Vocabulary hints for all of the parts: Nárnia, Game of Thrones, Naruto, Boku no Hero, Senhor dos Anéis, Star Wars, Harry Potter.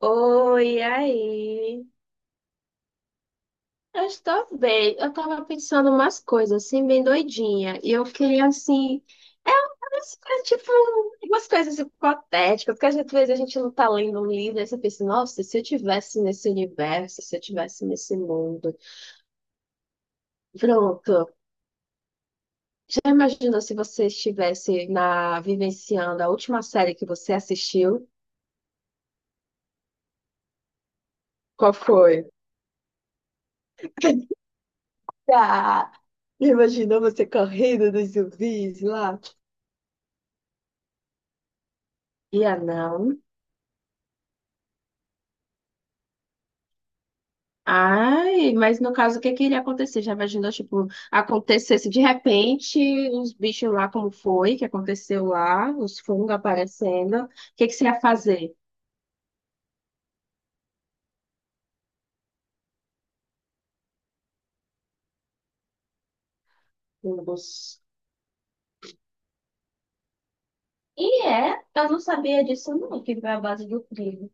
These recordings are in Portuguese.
Oi, aí. Eu estou bem. Eu estava pensando umas coisas, assim, bem doidinha. E eu queria, assim... É, umas coisas, tipo, umas coisas hipotéticas, porque às vezes a gente não tá lendo um livro e você pensa, nossa, se eu tivesse nesse universo, se eu tivesse nesse mundo. Pronto. Já imaginou se você estivesse na, vivenciando a última série que você assistiu? Qual foi? Ah, imaginou você correndo dos zumbis lá? Ia não. Ai, mas no caso, o que que iria acontecer? Já imaginou, tipo, acontecesse de repente os bichos lá, como foi, que aconteceu lá, os fungos aparecendo. O que que você ia fazer? Fungos. E é, eu não sabia disso não, que foi a base do trigo.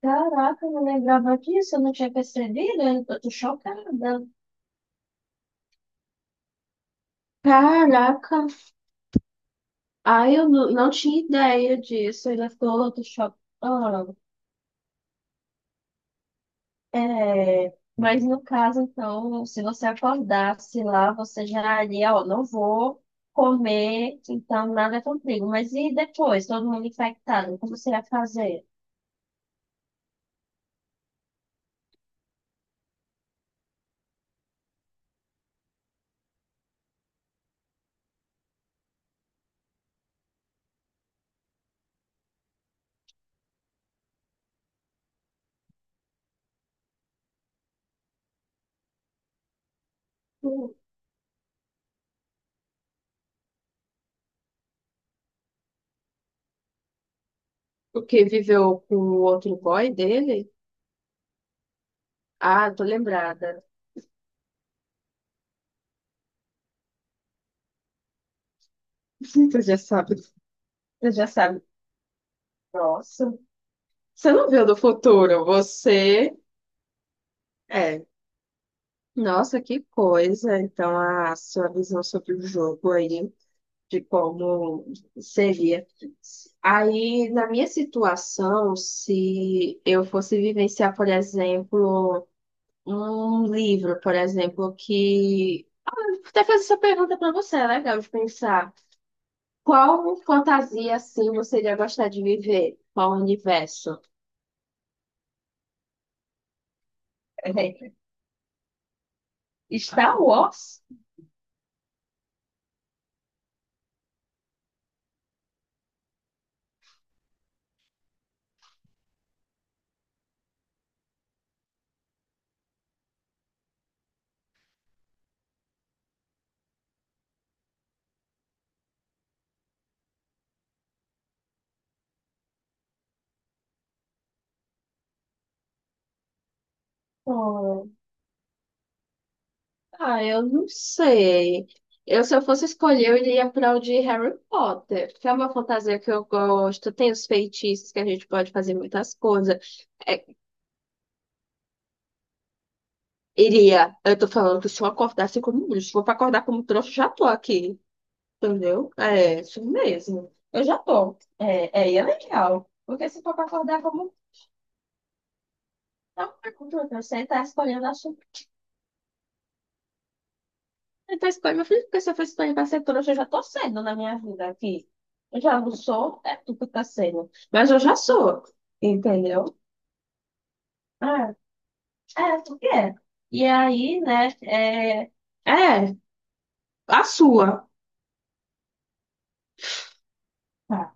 Caraca, eu não lembrava disso, eu não tinha percebido, eu tô chocada. Caraca, ai, eu não, não tinha ideia disso. Você já eu tô chocada. É, mas no caso, então, se você acordasse lá, você já iria, ó, não vou comer, então nada contigo. Mas e depois, todo mundo infectado, como você ia fazer? O o que viveu com o outro boy dele? Ah, tô lembrada. Tu já sabe. Você já sabe, nossa, você não viu do futuro, você é. Nossa, que coisa. Então, a sua visão sobre o jogo aí. De como seria. Aí, na minha situação, se eu fosse vivenciar, por exemplo, um livro, por exemplo, que. Vou até fazer essa pergunta para você, é legal de pensar. Qual fantasia, assim, você iria gostar de viver? Qual universo? Star Wars? Ah, eu não sei. Eu, se eu fosse escolher, eu iria para o de Harry Potter, que é uma fantasia que eu gosto. Tem os feitiços que a gente pode fazer muitas coisas. É, iria, eu tô falando que se eu acordasse como bruxo, se for para acordar como um trouxa, já tô aqui, entendeu? É, isso mesmo. Eu já tô. É, é, e é legal. Porque se for para acordar como. Um, não, eu estar escolhendo a. Ele faz coisa, meu filho, porque se eu fiz para pra ser trouxa, eu já tô sendo na minha vida aqui. Eu já não sou, é tu que tá sendo. Mas eu já sou, entendeu? Ah, é, tu quer. E aí, né, é, é, a sua. Tá.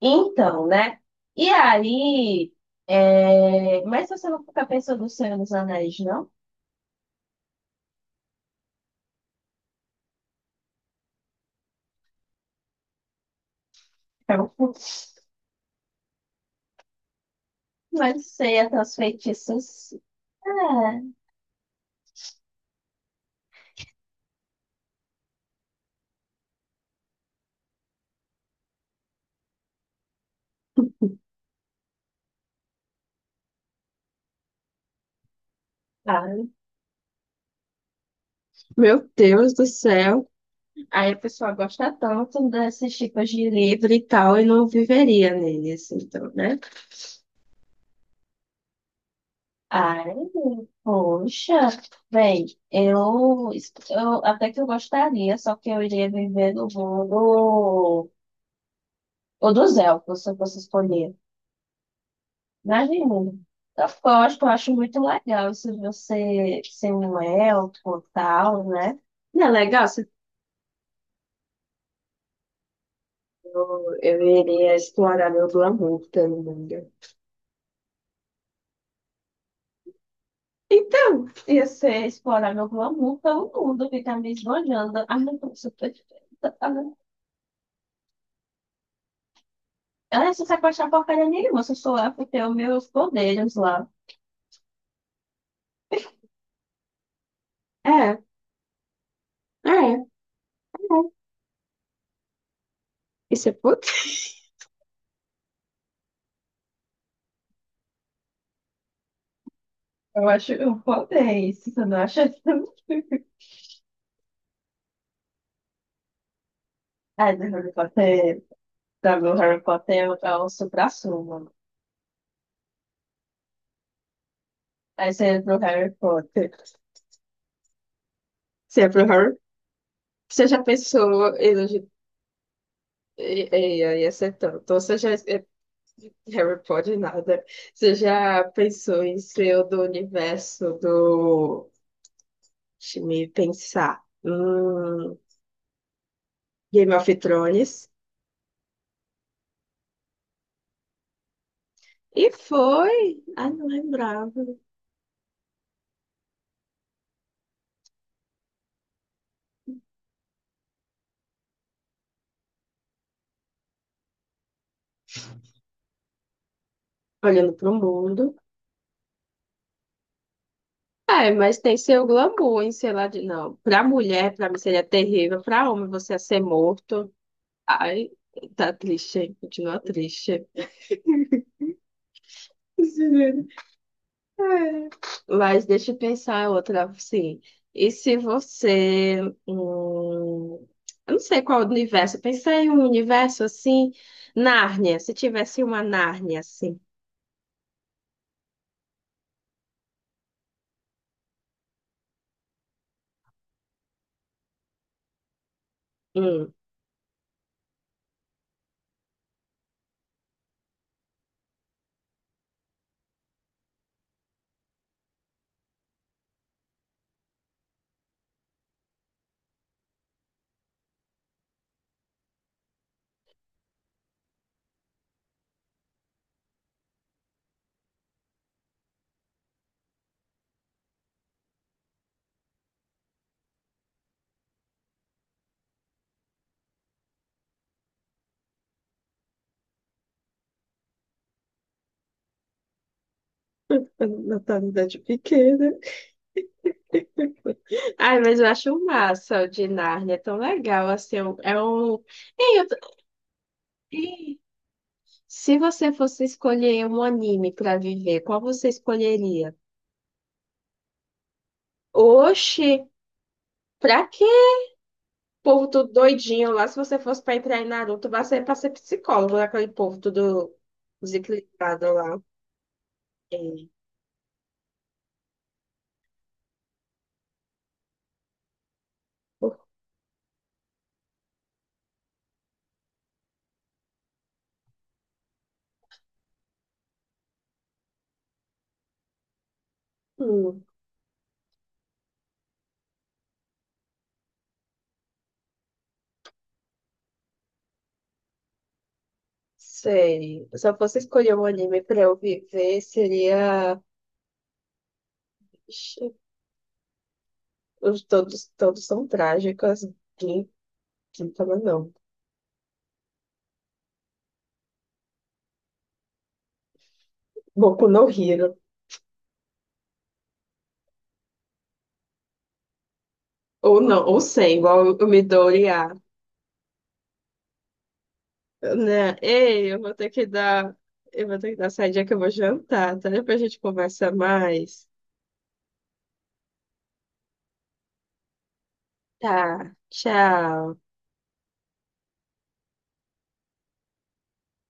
Então, né, e aí, é, mas você não fica pensando no Senhor dos Anéis, não? Eu não sei até os feitiços. É, tá. Meu Deus do céu. Aí a pessoa gosta tanto desses tipos de livro e tal, e não viveria neles, então, né? Ai, poxa, bem, eu até que eu gostaria, só que eu iria viver no mundo ou dos elfos, se eu fosse escolher. Imagina. Eu gosto, eu acho muito legal isso de você ser um elfo e tal, né? Não é legal se eu iria explorar meu glamour pelo mundo. Então, ia ser explorar meu glamour pelo mundo, ficar me esbanjando. Ah, não, eu sou perfeita. Ah, não. Ah, eu só sei se achar porcaria nenhuma, só sou lá porque tenho meus poderes lá. É, é, é. Isso é puto? Eu acho um poder isso, você não acha? Ah, do Harry Potter. Pra mim, Harry Potter é o supra-sumo. Aí você entra pro Harry Potter. Você é pro Harry? Você já pensou em longe... Ia ser tanto. Ou seja, Harry Potter, nada. Você já pensou em ser o do universo do. Deixa me pensar. Game of Thrones? E foi! Ai, não lembrava. Olhando pro mundo. É, mas tem seu glamour em sei lá de. Não, pra mulher, pra mim seria terrível. Pra homem, você ia ser morto. Ai, tá triste, hein? Continua triste. Mas deixa eu pensar outra, sim. E se você, hum, eu não sei qual universo, eu pensei em um universo assim, Nárnia, se tivesse uma Nárnia assim. Hum. Natalidade pequena. Ai, mas eu acho massa o de Nárnia, é tão legal, assim, é um, ei, eu tô- Ei, se você fosse escolher um anime para viver, qual você escolheria? Oxi, pra quê? Povo tudo doidinho lá. Se você fosse para entrar em Naruto, você ia pra ser psicólogo, né? Aquele povo tudo desequilibrado lá. É. Hum, sei. Se eu fosse escolher um anime para eu viver, seria. Ixi, os todos, todos são trágicos. Quem quem fala não? Boku no Hero. Ou não, ou sem, igual o Midori. Né? Ei, eu vou ter que dar. Eu vou ter que dar saída que eu vou jantar, tá? Depois a gente conversa mais. Tá, tchau.